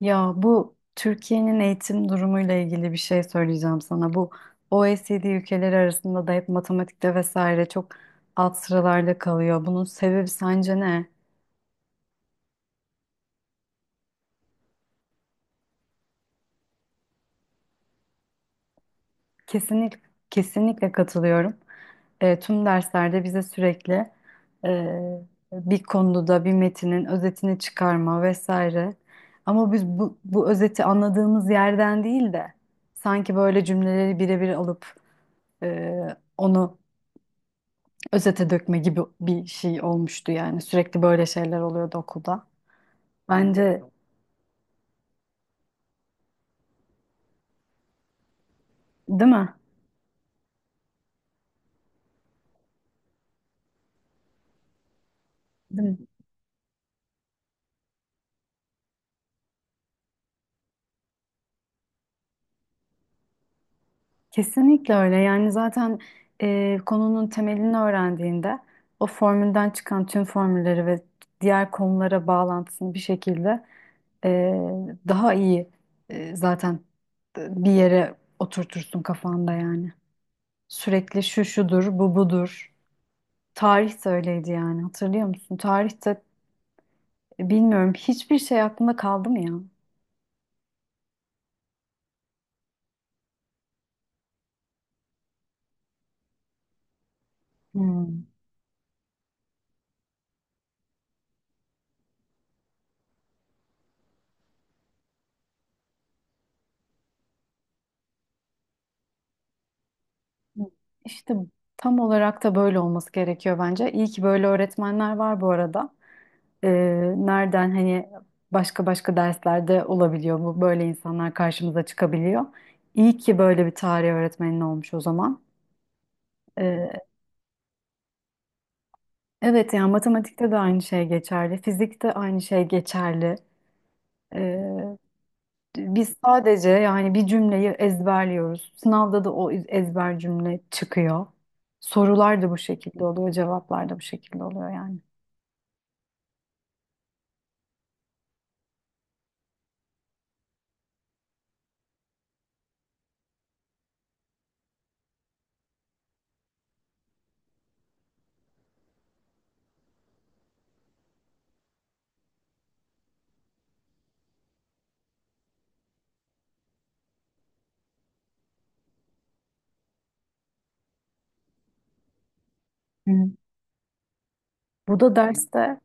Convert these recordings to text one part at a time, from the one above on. Ya bu Türkiye'nin eğitim durumuyla ilgili bir şey söyleyeceğim sana. Bu OECD ülkeleri arasında da hep matematikte vesaire çok alt sıralarda kalıyor. Bunun sebebi sence ne? Kesinlikle kesinlikle katılıyorum. Tüm derslerde bize sürekli e, bir konuda da bir metinin özetini çıkarma vesaire. Ama biz bu özeti anladığımız yerden değil de sanki böyle cümleleri birebir alıp e, onu özete dökme gibi bir şey olmuştu yani. Sürekli böyle şeyler oluyordu okulda. Bence değil mi? Değil mi? Kesinlikle öyle. Yani zaten konunun temelini öğrendiğinde o formülden çıkan tüm formülleri ve diğer konulara bağlantısını bir şekilde e, daha iyi zaten bir yere oturtursun kafanda yani. Sürekli şu şudur, bu budur. Tarih de öyleydi yani. Hatırlıyor musun? Tarihte bilmiyorum hiçbir şey aklında kaldı mı ya? Hmm. İşte tam olarak da böyle olması gerekiyor bence. İyi ki böyle öğretmenler var bu arada. Nereden hani başka başka derslerde olabiliyor bu. Böyle insanlar karşımıza çıkabiliyor. İyi ki böyle bir tarih öğretmenin olmuş o zaman. Ee, evet yani matematikte de aynı şey geçerli. Fizikte aynı şey geçerli. Ee, Biz sadece yani bir cümleyi ezberliyoruz. Sınavda da o ezber cümle çıkıyor. Sorular da bu şekilde oluyor, cevaplar da bu şekilde oluyor yani. Hı. Bu da derste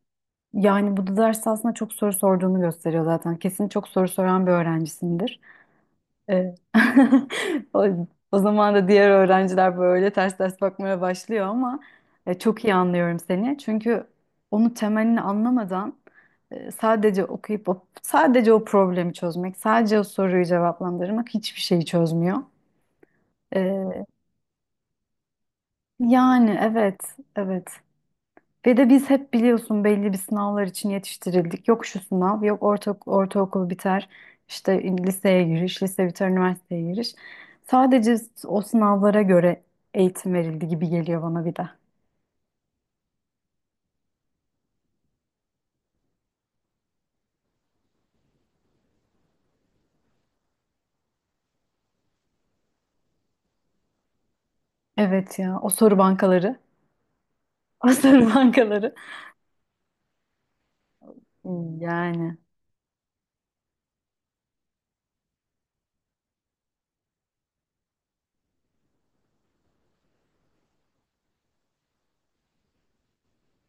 yani bu da derste aslında çok soru sorduğunu gösteriyor zaten. Kesin çok soru soran bir öğrencisindir. Evet. O, o zaman da diğer öğrenciler böyle ters ters bakmaya başlıyor ama çok iyi anlıyorum seni. Çünkü onu temelini anlamadan sadece okuyup o, sadece o problemi çözmek, sadece o soruyu cevaplandırmak hiçbir şeyi çözmüyor. E, yani evet, evet. Ve de biz hep biliyorsun belli bir sınavlar için yetiştirildik. Yok şu sınav, yok orta, ortaokul biter, işte liseye giriş, lise biter, üniversiteye giriş. Sadece o sınavlara göre eğitim verildi gibi geliyor bana bir de. Evet ya, o soru bankaları. O soru bankaları. Yani.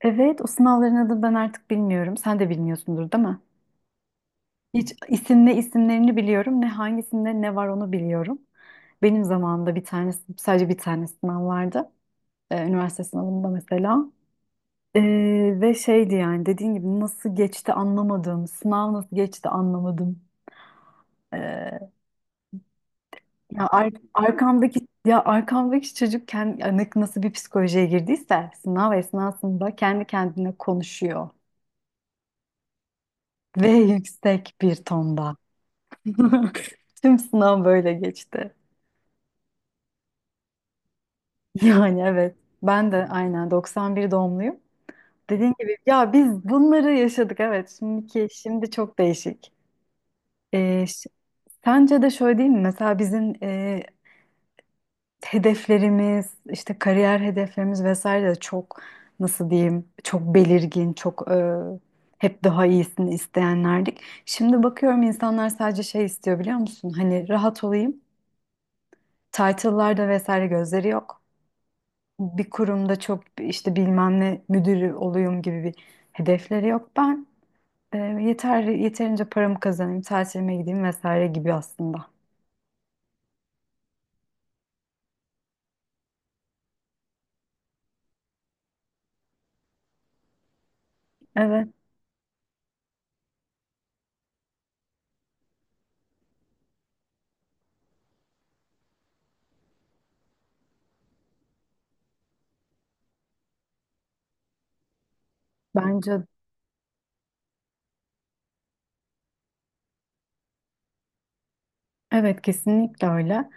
Evet, o sınavların adını ben artık bilmiyorum. Sen de bilmiyorsundur, değil mi? Hiç isim ne isimlerini biliyorum, ne hangisinde ne var onu biliyorum. Benim zamanımda bir tanesi, sadece bir tane sınav vardı. Üniversite sınavında mesela. E, ve şeydi yani dediğin gibi nasıl geçti anlamadım. Sınav nasıl geçti anlamadım. E, arkamdaki ya arkamdaki çocuk kendi yani nasıl bir psikolojiye girdiyse sınav esnasında kendi kendine konuşuyor ve yüksek bir tonda. Tüm sınav böyle geçti. Yani evet. Ben de aynen 91 doğumluyum. Dediğin gibi ya biz bunları yaşadık evet. Şimdi çok değişik. E, Sence de şöyle değil mi? Mesela bizim hedeflerimiz, işte kariyer hedeflerimiz vesaire de çok nasıl diyeyim, çok belirgin, çok hep daha iyisini isteyenlerdik. Şimdi bakıyorum insanlar sadece şey istiyor biliyor musun? Hani rahat olayım. Title'larda vesaire gözleri yok. Bir kurumda çok işte bilmem ne müdürü olayım gibi bir hedefleri yok. Ben yeterince paramı kazanayım, tatilime gideyim vesaire gibi aslında. Evet, bence evet kesinlikle öyle.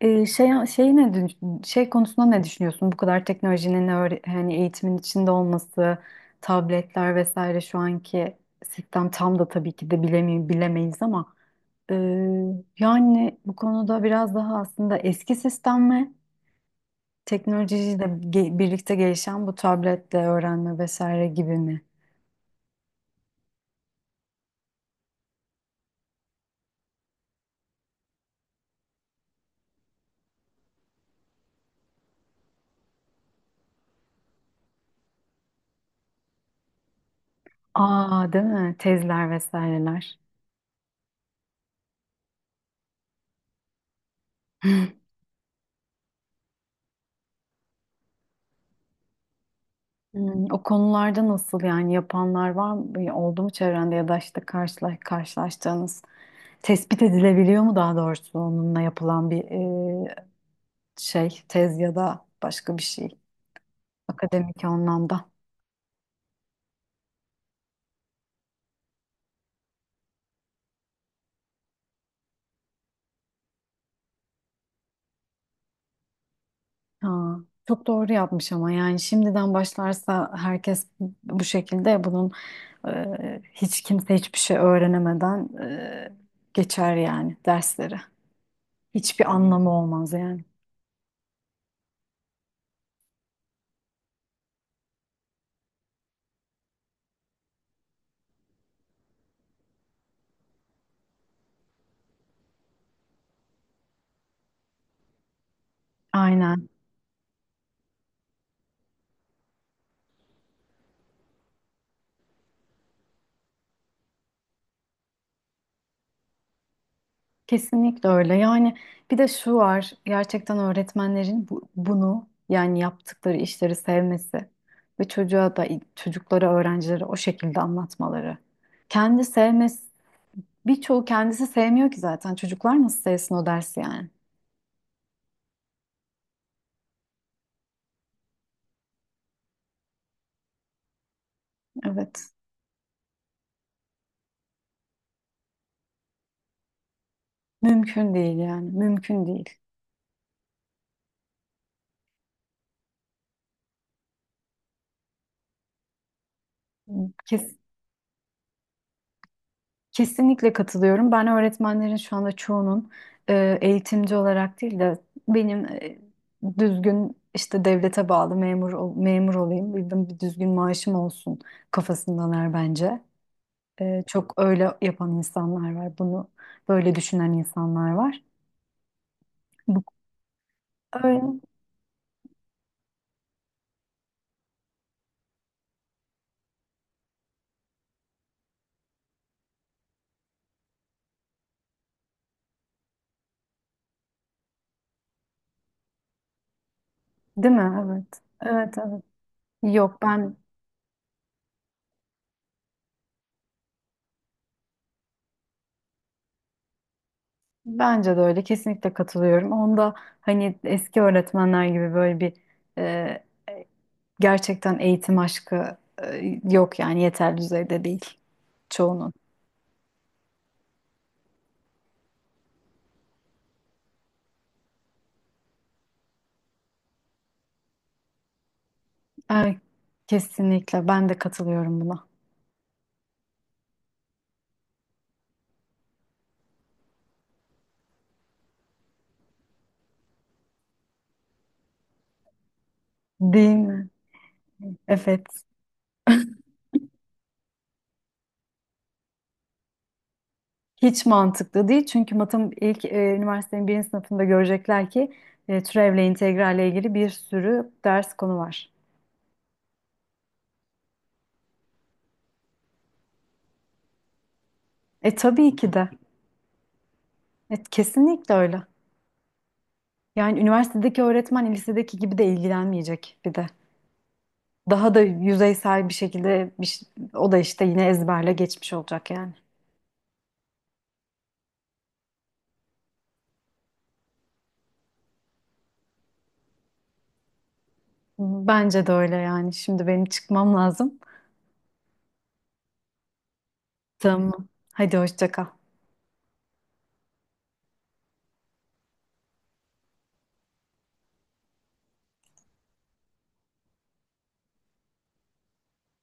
Şey konusunda ne düşünüyorsun? Bu kadar teknolojinin hani eğitimin içinde olması, tabletler vesaire şu anki sistem tam da tabii ki de bilemi bilemeyiz ama e, yani bu konuda biraz daha aslında eski sistem mi? Teknolojiyle birlikte gelişen bu tabletle öğrenme vesaire gibi mi? Aa değil mi? Tezler vesaireler. Hmm, o konularda nasıl yani yapanlar var mı? Oldu mu çevrende ya da işte karşılaştığınız tespit edilebiliyor mu daha doğrusu onunla yapılan bir e, şey tez ya da başka bir şey akademik anlamda. Ha, çok doğru yapmış ama yani şimdiden başlarsa herkes bu şekilde bunun hiç kimse hiçbir şey öğrenemeden geçer yani dersleri. Hiçbir anlamı olmaz yani. Aynen. Kesinlikle öyle. Yani bir de şu var, gerçekten öğretmenlerin bunu yani yaptıkları işleri sevmesi ve çocuğa da çocuklara, öğrencilere o şekilde anlatmaları. Kendi sevmesi, birçoğu kendisi sevmiyor ki zaten. Çocuklar nasıl sevsin o dersi yani? Evet. Mümkün değil yani. Mümkün değil. Kesinlikle katılıyorum. Ben öğretmenlerin şu anda çoğunun eğitimci olarak değil de benim düzgün işte devlete bağlı memur olayım, bildim bir düzgün maaşım olsun kafasındalar bence. Çok öyle yapan insanlar var. Bunu böyle düşünen insanlar var. Bu öyle değil mi? Evet. Evet, evet. Yok ben bence de öyle kesinlikle katılıyorum. Onda hani eski öğretmenler gibi böyle bir gerçekten eğitim aşkı yok yani yeterli düzeyde değil çoğunun. Er- kesinlikle ben de katılıyorum buna. Değil mi? Evet. Hiç mantıklı değil çünkü matım ilk üniversitenin birinci sınıfında görecekler ki türevle integralle ilgili bir sürü ders konu var. E tabii ki de. Kesinlikle öyle. Yani üniversitedeki öğretmen lisedeki gibi de ilgilenmeyecek bir de. Daha da yüzeysel bir şekilde o da işte yine ezberle geçmiş olacak yani. Bence de öyle yani. Şimdi benim çıkmam lazım. Tamam. Hadi hoşça kal.